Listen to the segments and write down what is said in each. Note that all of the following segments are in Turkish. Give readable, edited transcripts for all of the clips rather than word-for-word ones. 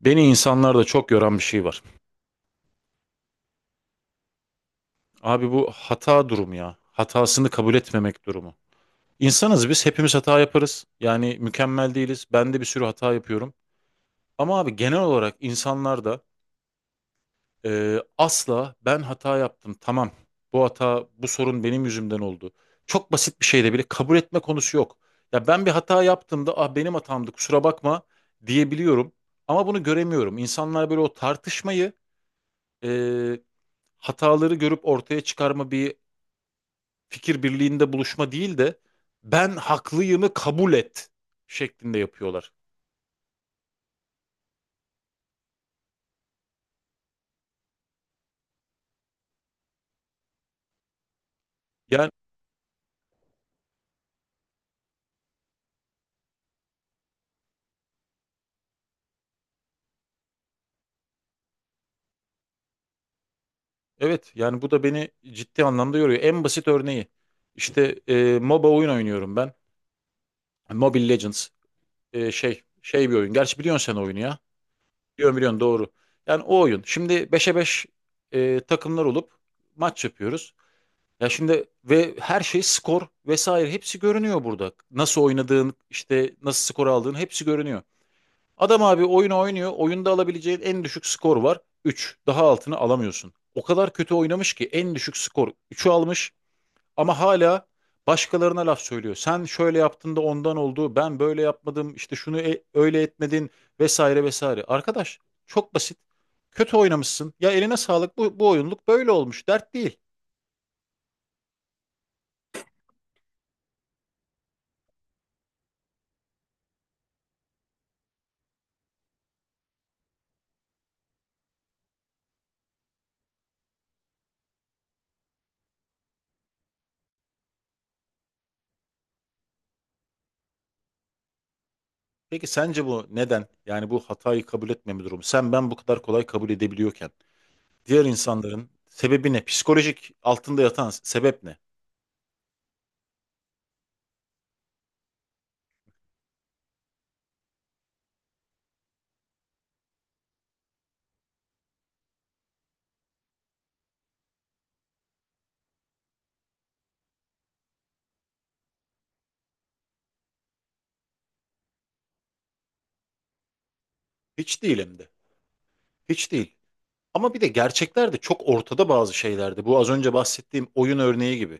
Beni insanlarda çok yoran bir şey var. Abi bu hata durumu ya. Hatasını kabul etmemek durumu. İnsanız biz hepimiz hata yaparız. Yani mükemmel değiliz. Ben de bir sürü hata yapıyorum. Ama abi genel olarak insanlarda asla ben hata yaptım tamam. Bu hata bu sorun benim yüzümden oldu. Çok basit bir şeyde bile kabul etme konusu yok. Ya ben bir hata yaptığımda ah benim hatamdı kusura bakma diyebiliyorum. Ama bunu göremiyorum. İnsanlar böyle o tartışmayı e, hataları görüp ortaya çıkarma bir fikir birliğinde buluşma değil de ben haklıyımı kabul et şeklinde yapıyorlar. Yani evet yani bu da beni ciddi anlamda yoruyor. En basit örneği işte MOBA oyun oynuyorum ben. Mobile Legends. Şey bir oyun. Gerçi biliyorsun sen oyunu ya. Biliyorum biliyorsun doğru. Yani o oyun. Şimdi beşe 5 takımlar olup maç yapıyoruz. Ya şimdi ve her şey skor vesaire hepsi görünüyor burada. Nasıl oynadığın işte nasıl skor aldığın hepsi görünüyor. Adam abi oyunu oynuyor. Oyunda alabileceğin en düşük skor var, üç. Daha altını alamıyorsun. O kadar kötü oynamış ki en düşük skor üçü almış ama hala başkalarına laf söylüyor. Sen şöyle yaptın da ondan oldu. Ben böyle yapmadım. İşte şunu öyle etmedin vesaire vesaire. Arkadaş çok basit. Kötü oynamışsın. Ya eline sağlık. Bu oyunluk böyle olmuş. Dert değil. Peki sence bu neden? Yani bu hatayı kabul etmeme durumu. Sen ben bu kadar kolay kabul edebiliyorken diğer insanların sebebi ne? Psikolojik altında yatan sebep ne? Hiç değil hem de. Hiç değil. Ama bir de gerçekler de çok ortada bazı şeylerde. Bu az önce bahsettiğim oyun örneği gibi.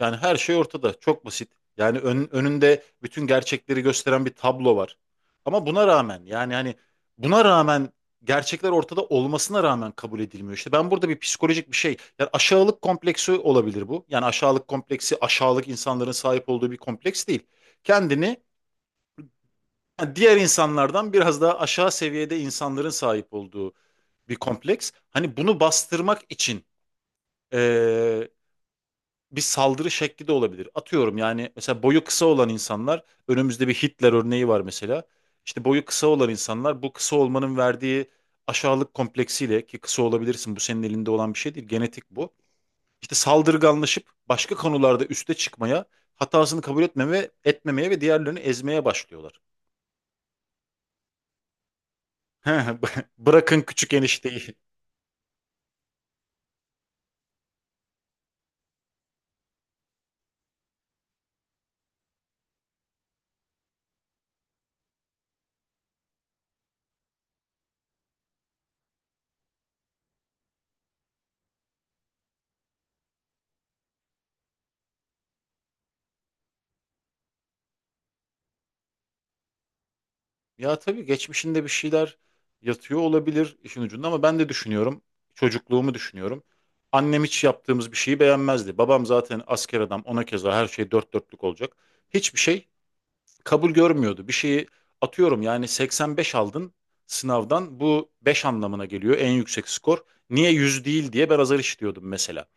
Yani her şey ortada. Çok basit. Yani önünde bütün gerçekleri gösteren bir tablo var. Ama buna rağmen yani hani buna rağmen gerçekler ortada olmasına rağmen kabul edilmiyor. İşte ben burada bir psikolojik bir şey. Yani aşağılık kompleksi olabilir bu. Yani aşağılık kompleksi aşağılık insanların sahip olduğu bir kompleks değil. Kendini diğer insanlardan biraz daha aşağı seviyede insanların sahip olduğu bir kompleks. Hani bunu bastırmak için eee, bir saldırı şekli de olabilir. Atıyorum yani mesela boyu kısa olan insanlar önümüzde bir Hitler örneği var mesela. İşte boyu kısa olan insanlar bu kısa olmanın verdiği aşağılık kompleksiyle ki kısa olabilirsin bu senin elinde olan bir şey değil genetik bu. İşte saldırganlaşıp başka konularda üste çıkmaya hatasını kabul etmemeye ve diğerlerini ezmeye başlıyorlar. He, bırakın küçük enişteyi. Ya tabii geçmişinde bir şeyler yatıyor olabilir işin ucunda ama ben de düşünüyorum. Çocukluğumu düşünüyorum. Annem hiç yaptığımız bir şeyi beğenmezdi. Babam zaten asker adam ona keza her şey dört dörtlük olacak. Hiçbir şey kabul görmüyordu. Bir şeyi atıyorum yani 85 aldın sınavdan bu 5 anlamına geliyor en yüksek skor. Niye 100 değil diye ben azar işitiyordum mesela.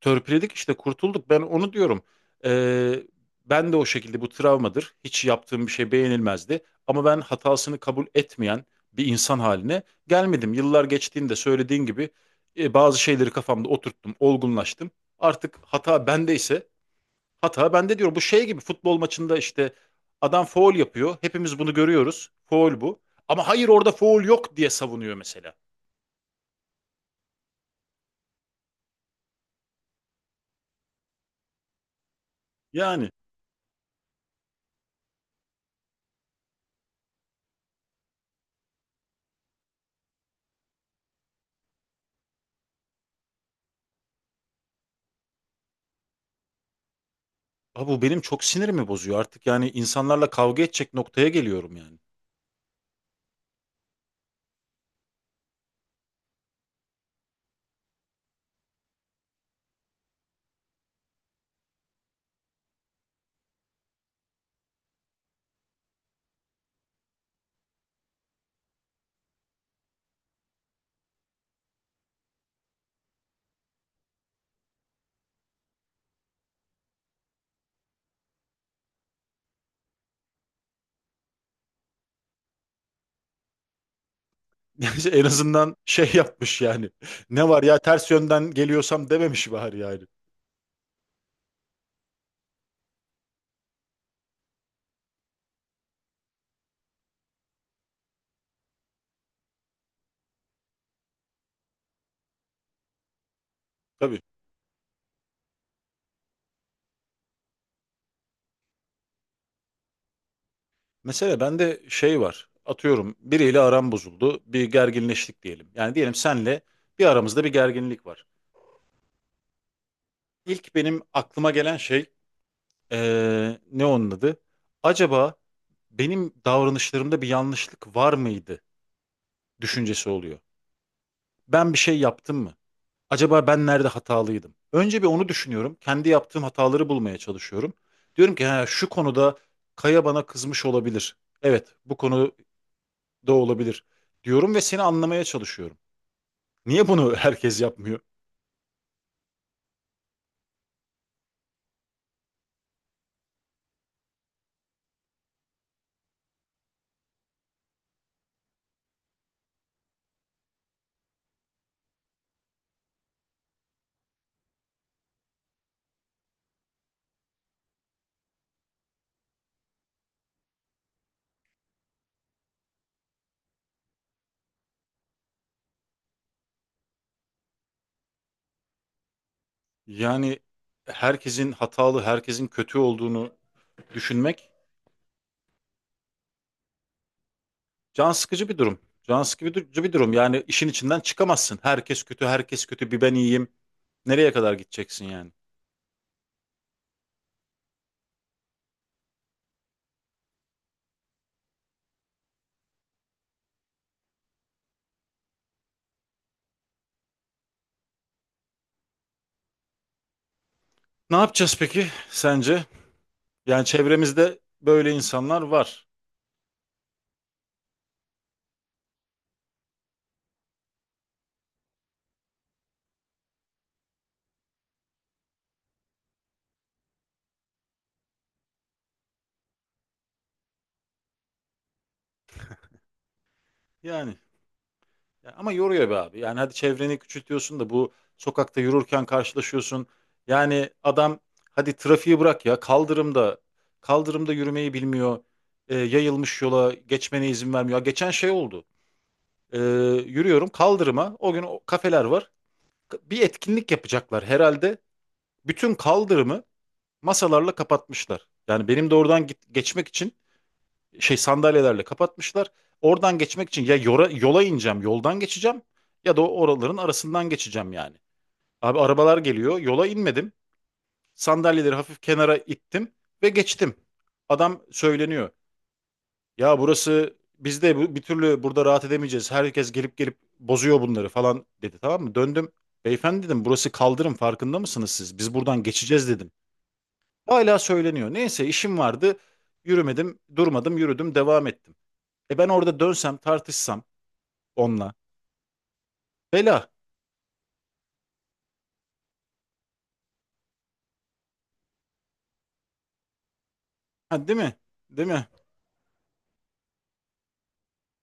Törpüledik işte kurtulduk. Ben onu diyorum. Ee, Ben de o şekilde bu travmadır. Hiç yaptığım bir şey beğenilmezdi. Ama ben hatasını kabul etmeyen bir insan haline gelmedim. Yıllar geçtiğinde söylediğin gibi bazı şeyleri kafamda oturttum, olgunlaştım. Artık hata bendeyse hata bende diyorum. Bu şey gibi futbol maçında işte adam faul yapıyor. Hepimiz bunu görüyoruz. Faul bu. Ama hayır orada faul yok diye savunuyor mesela. Yani, abi bu benim çok sinirimi bozuyor artık yani insanlarla kavga edecek noktaya geliyorum yani. En azından şey yapmış yani. Ne var ya ters yönden geliyorsam dememiş bari yani. Tabii. Mesela bende şey var. Atıyorum biriyle aram bozuldu. Bir gerginleştik diyelim. Yani diyelim senle bir aramızda bir gerginlik var. İlk benim aklıma gelen şey ne onun adı? Acaba benim davranışlarımda bir yanlışlık var mıydı düşüncesi oluyor. Ben bir şey yaptım mı? Acaba ben nerede hatalıydım? Önce bir onu düşünüyorum. Kendi yaptığım hataları bulmaya çalışıyorum. Diyorum ki ha, şu konuda Kaya bana kızmış olabilir. Evet, bu konuda olabilir diyorum ve seni anlamaya çalışıyorum. Niye bunu herkes yapmıyor? Yani herkesin hatalı, herkesin kötü olduğunu düşünmek can sıkıcı bir durum. Can sıkıcı bir durum. Yani işin içinden çıkamazsın. Herkes kötü, herkes kötü, bir ben iyiyim. Nereye kadar gideceksin yani? Ne yapacağız peki sence? Yani çevremizde böyle insanlar var. Yani ya ama yoruyor be abi. Yani hadi çevreni küçültüyorsun da bu sokakta yürürken karşılaşıyorsun. Yani adam hadi trafiği bırak ya kaldırımda yürümeyi bilmiyor. Yayılmış yola geçmene izin vermiyor. Ya, geçen şey oldu. E, yürüyorum kaldırıma. O gün o kafeler var. Bir etkinlik yapacaklar herhalde. Bütün kaldırımı masalarla kapatmışlar. Yani benim de oradan geçmek için şey sandalyelerle kapatmışlar. Oradan geçmek için ya yola ineceğim, yoldan geçeceğim ya da o oraların arasından geçeceğim yani. Abi arabalar geliyor, yola inmedim. Sandalyeleri hafif kenara ittim ve geçtim. Adam söyleniyor. Ya burası biz de bu, bir türlü burada rahat edemeyeceğiz. Herkes gelip gelip bozuyor bunları falan dedi tamam mı? Döndüm. Beyefendi dedim burası kaldırım farkında mısınız siz? Biz buradan geçeceğiz dedim. Hala söyleniyor. Neyse işim vardı. Yürümedim, durmadım, yürüdüm, devam ettim. Ben orada dönsem tartışsam onunla. Bela. Ha, değil mi? Değil mi?